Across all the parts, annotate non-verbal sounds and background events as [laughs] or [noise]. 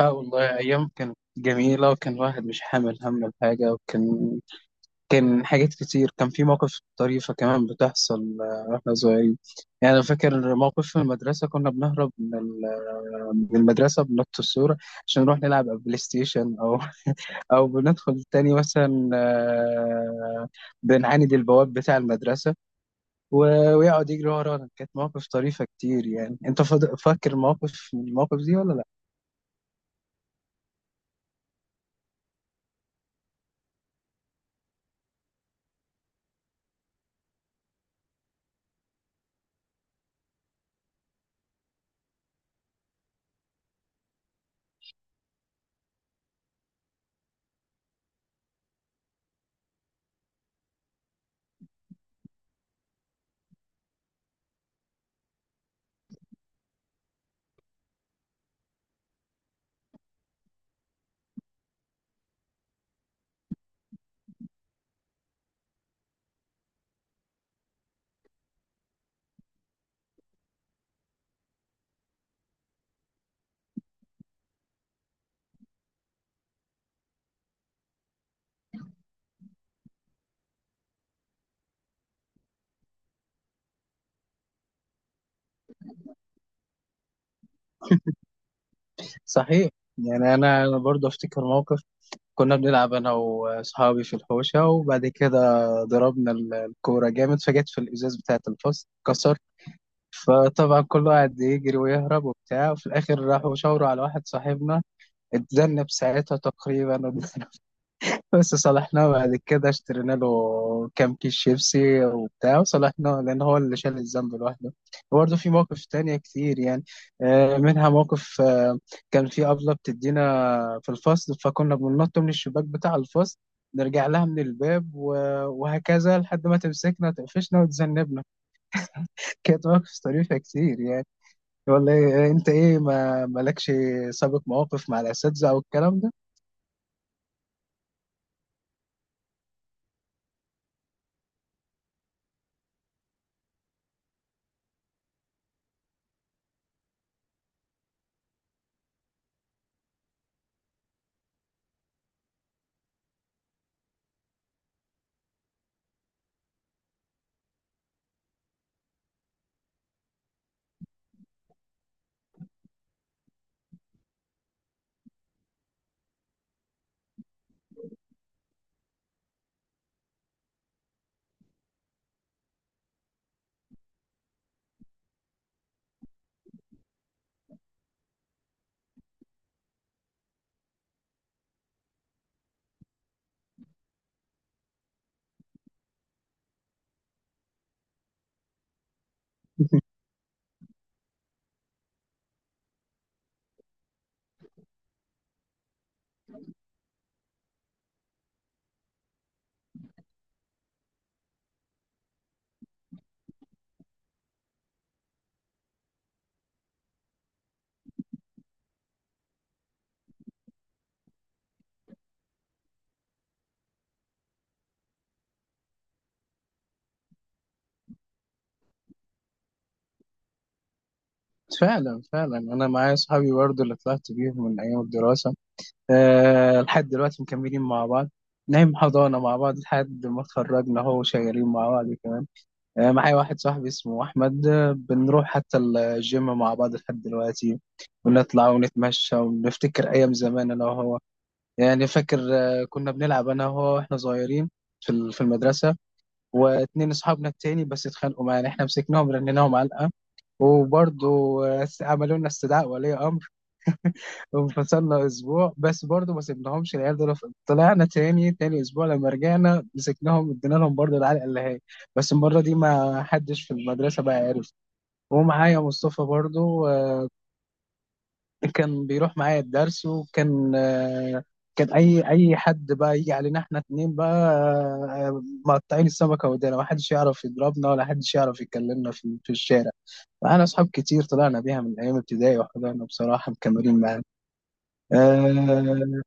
اه والله ايام كانت جميله، وكان الواحد مش حامل هم الحاجه. وكان حاجات كتير. كان في مواقف طريفه كمان بتحصل واحنا صغيرين. يعني انا فاكر موقف في المدرسه. كنا بنهرب من المدرسه، بنط السور عشان نروح نلعب على البلاي ستيشن، او بندخل تاني مثلا بنعاند البواب بتاع المدرسه، ويقعد يجري ورانا. كانت مواقف طريفه كتير يعني. انت فاكر موقف من المواقف دي ولا لا؟ صحيح. يعني انا برضه افتكر موقف. كنا بنلعب انا واصحابي في الحوشه، وبعد كده ضربنا الكوره جامد، فجت في الازاز بتاعه الفصل، اتكسر. فطبعا كل واحد يجري ويهرب وبتاع، وفي الاخر راحوا شاوروا على واحد صاحبنا، اتذنب ساعتها تقريبا. [laughs] بس صلحناه بعد كده، اشترينا له كام كيس شيبسي وبتاع، وصلحناه لأن هو اللي شال الذنب لوحده. وبرضه في مواقف تانية كتير يعني. منها موقف، كان في أبلة بتدينا في الفصل، فكنا بننط من الشباك بتاع الفصل، نرجع لها من الباب وهكذا، لحد ما تمسكنا تقفشنا وتذنبنا. كانت مواقف طريفة كتير يعني. ولا انت ايه، ما مالكش سابق مواقف مع الأساتذة او الكلام ده؟ فعلا فعلا. انا معايا اصحابي برضه اللي طلعت بيهم من ايام الدراسه. أه، لحد دلوقتي مكملين مع بعض، نايم حضانه مع بعض لحد ما اتخرجنا، هو شغالين مع بعض كمان. أه، معايا واحد صاحبي اسمه احمد، بنروح حتى الجيم مع بعض لحد دلوقتي، ونطلع ونتمشى ونفتكر ايام زمان انا وهو. يعني فاكر، كنا بنلعب انا وهو واحنا صغيرين في في المدرسه، واتنين اصحابنا التاني بس اتخانقوا معانا، احنا مسكناهم رنيناهم علقه. وبرضه عملوا لنا استدعاء ولي امر، وانفصلنا اسبوع. بس برضه ما سيبناهمش العيال دول، طلعنا تاني. تاني اسبوع لما رجعنا مسكناهم، ادينا لهم برضه العلقه اللي هي، بس المره دي ما حدش في المدرسه بقى عارف. ومعايا مصطفى برضه، كان بيروح معايا الدرس، وكان، كان اي حد بقى يجي علينا احنا اتنين بقى، مقطعين السمكه ودانا. ما حدش يعرف يضربنا ولا حدش يعرف يكلمنا في الشارع. معانا أصحاب كتير طلعنا بيها من أيام ابتدائي وحضرنا بصراحة، مكملين معانا. أه.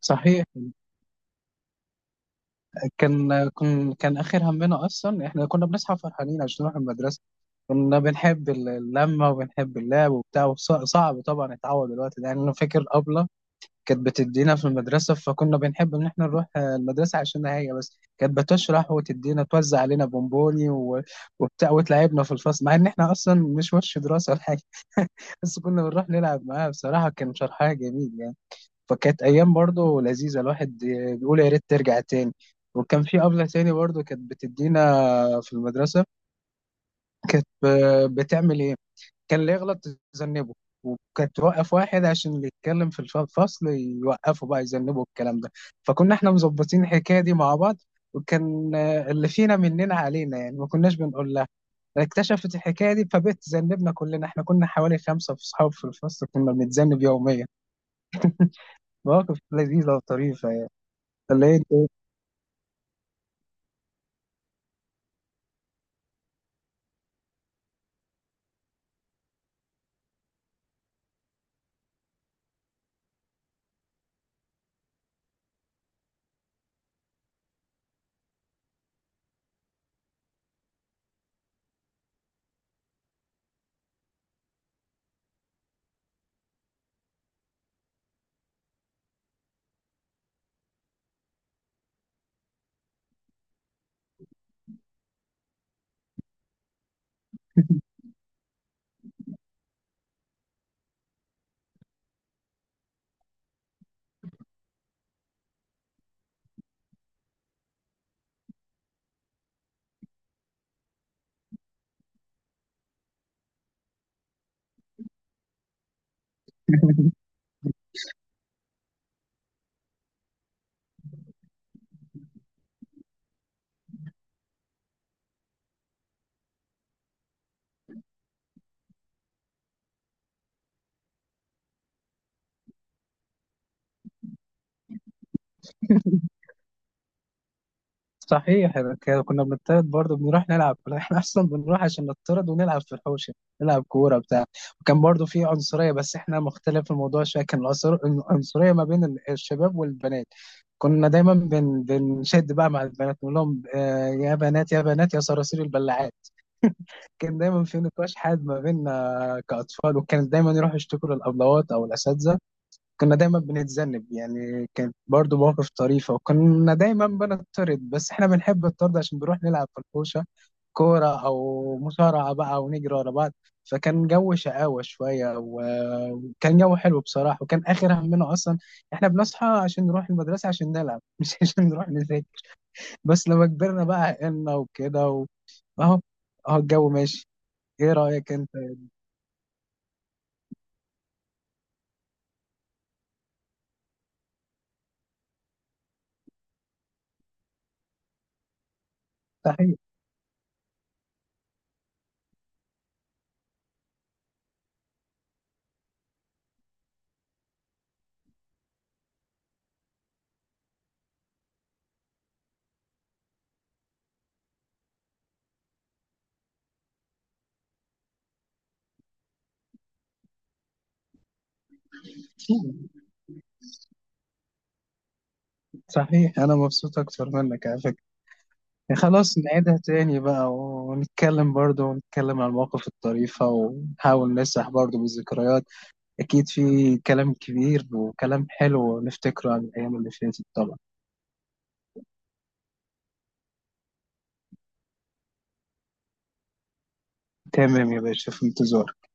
صحيح. كان آخر همنا أصلا، إحنا كنا بنصحى فرحانين عشان نروح المدرسة. كنا بنحب اللمة وبنحب اللعب وبتاع. صعب طبعا اتعود الوقت ده. يعني أنا فاكر أبلة كانت بتدينا في المدرسة، فكنا بنحب إن إحنا نروح المدرسة عشان هي بس كانت بتشرح وتدينا، توزع علينا بونبوني وبتاع، وتلعبنا في الفصل، مع إن إحنا أصلا مش وش دراسة ولا حاجة، بس كنا بنروح نلعب معاه. بصراحة كان شرحها جميل يعني، فكانت أيام برضه لذيذة. الواحد بيقول يا ريت ترجع تاني. وكان في أبلة تاني برضه كانت بتدينا في المدرسة، كانت بتعمل إيه؟ كان اللي يغلط تذنبه، وكانت توقف واحد عشان اللي يتكلم في الفصل يوقفه بقى، يذنبه الكلام ده. فكنا احنا مظبطين الحكاية دي مع بعض، وكان اللي فينا مننا علينا يعني، ما كناش بنقول لها. اكتشفت الحكايه دي فبقت تذنبنا كلنا. احنا كنا حوالي خمسه في صحاب في الفصل، كنا بنتذنب يوميا. مواقف لذيذه وطريفه يعني. ولا ايه إنت؟ [laughs] صحيح. إحنا كنا بنطرد برضه بنروح نلعب. [laughs] احنا اصلا بنروح عشان نطرد ونلعب في الحوشه، نلعب كوره بتاع. وكان برضه في عنصريه، بس احنا مختلف الموضوع شويه، كان العنصريه ما بين الشباب والبنات. كنا دايما بنشد بقى مع البنات، نقول لهم يا بنات يا بنات يا صراصير البلاعات. كان دايما في نقاش حاد ما بيننا كأطفال، وكانت دايما يروحوا يشتكوا للأبلوات أو الأساتذة. كنا دايما بنتذنب يعني، كانت برضو مواقف طريفة، وكنا دايما بنطرد. بس احنا بنحب الطرد عشان بنروح نلعب في الحوشة كورة أو مصارعة بقى، ونجري ورا بعض. فكان جو شقاوة شوية، وكان جو حلو بصراحة. وكان آخر همنا أصلا احنا بنصحى عشان نروح المدرسة عشان نلعب، [laughs] مش عشان نروح نذاكر. بس لما كبرنا بقى عقلنا وكده أهو، أهو الجو ماشي. إيه رأيك أنت؟ صحيح. صحيح، أنا مبسوط أكتر منك على فكرة. يعني خلاص نعيدها تاني بقى، ونتكلم برضه ونتكلم عن المواقف الطريفة، ونحاول نسرح برضه بالذكريات. أكيد في كلام كبير وكلام حلو نفتكره عن الأيام اللي فاتت طبعا. تمام يا باشا، في انتظارك.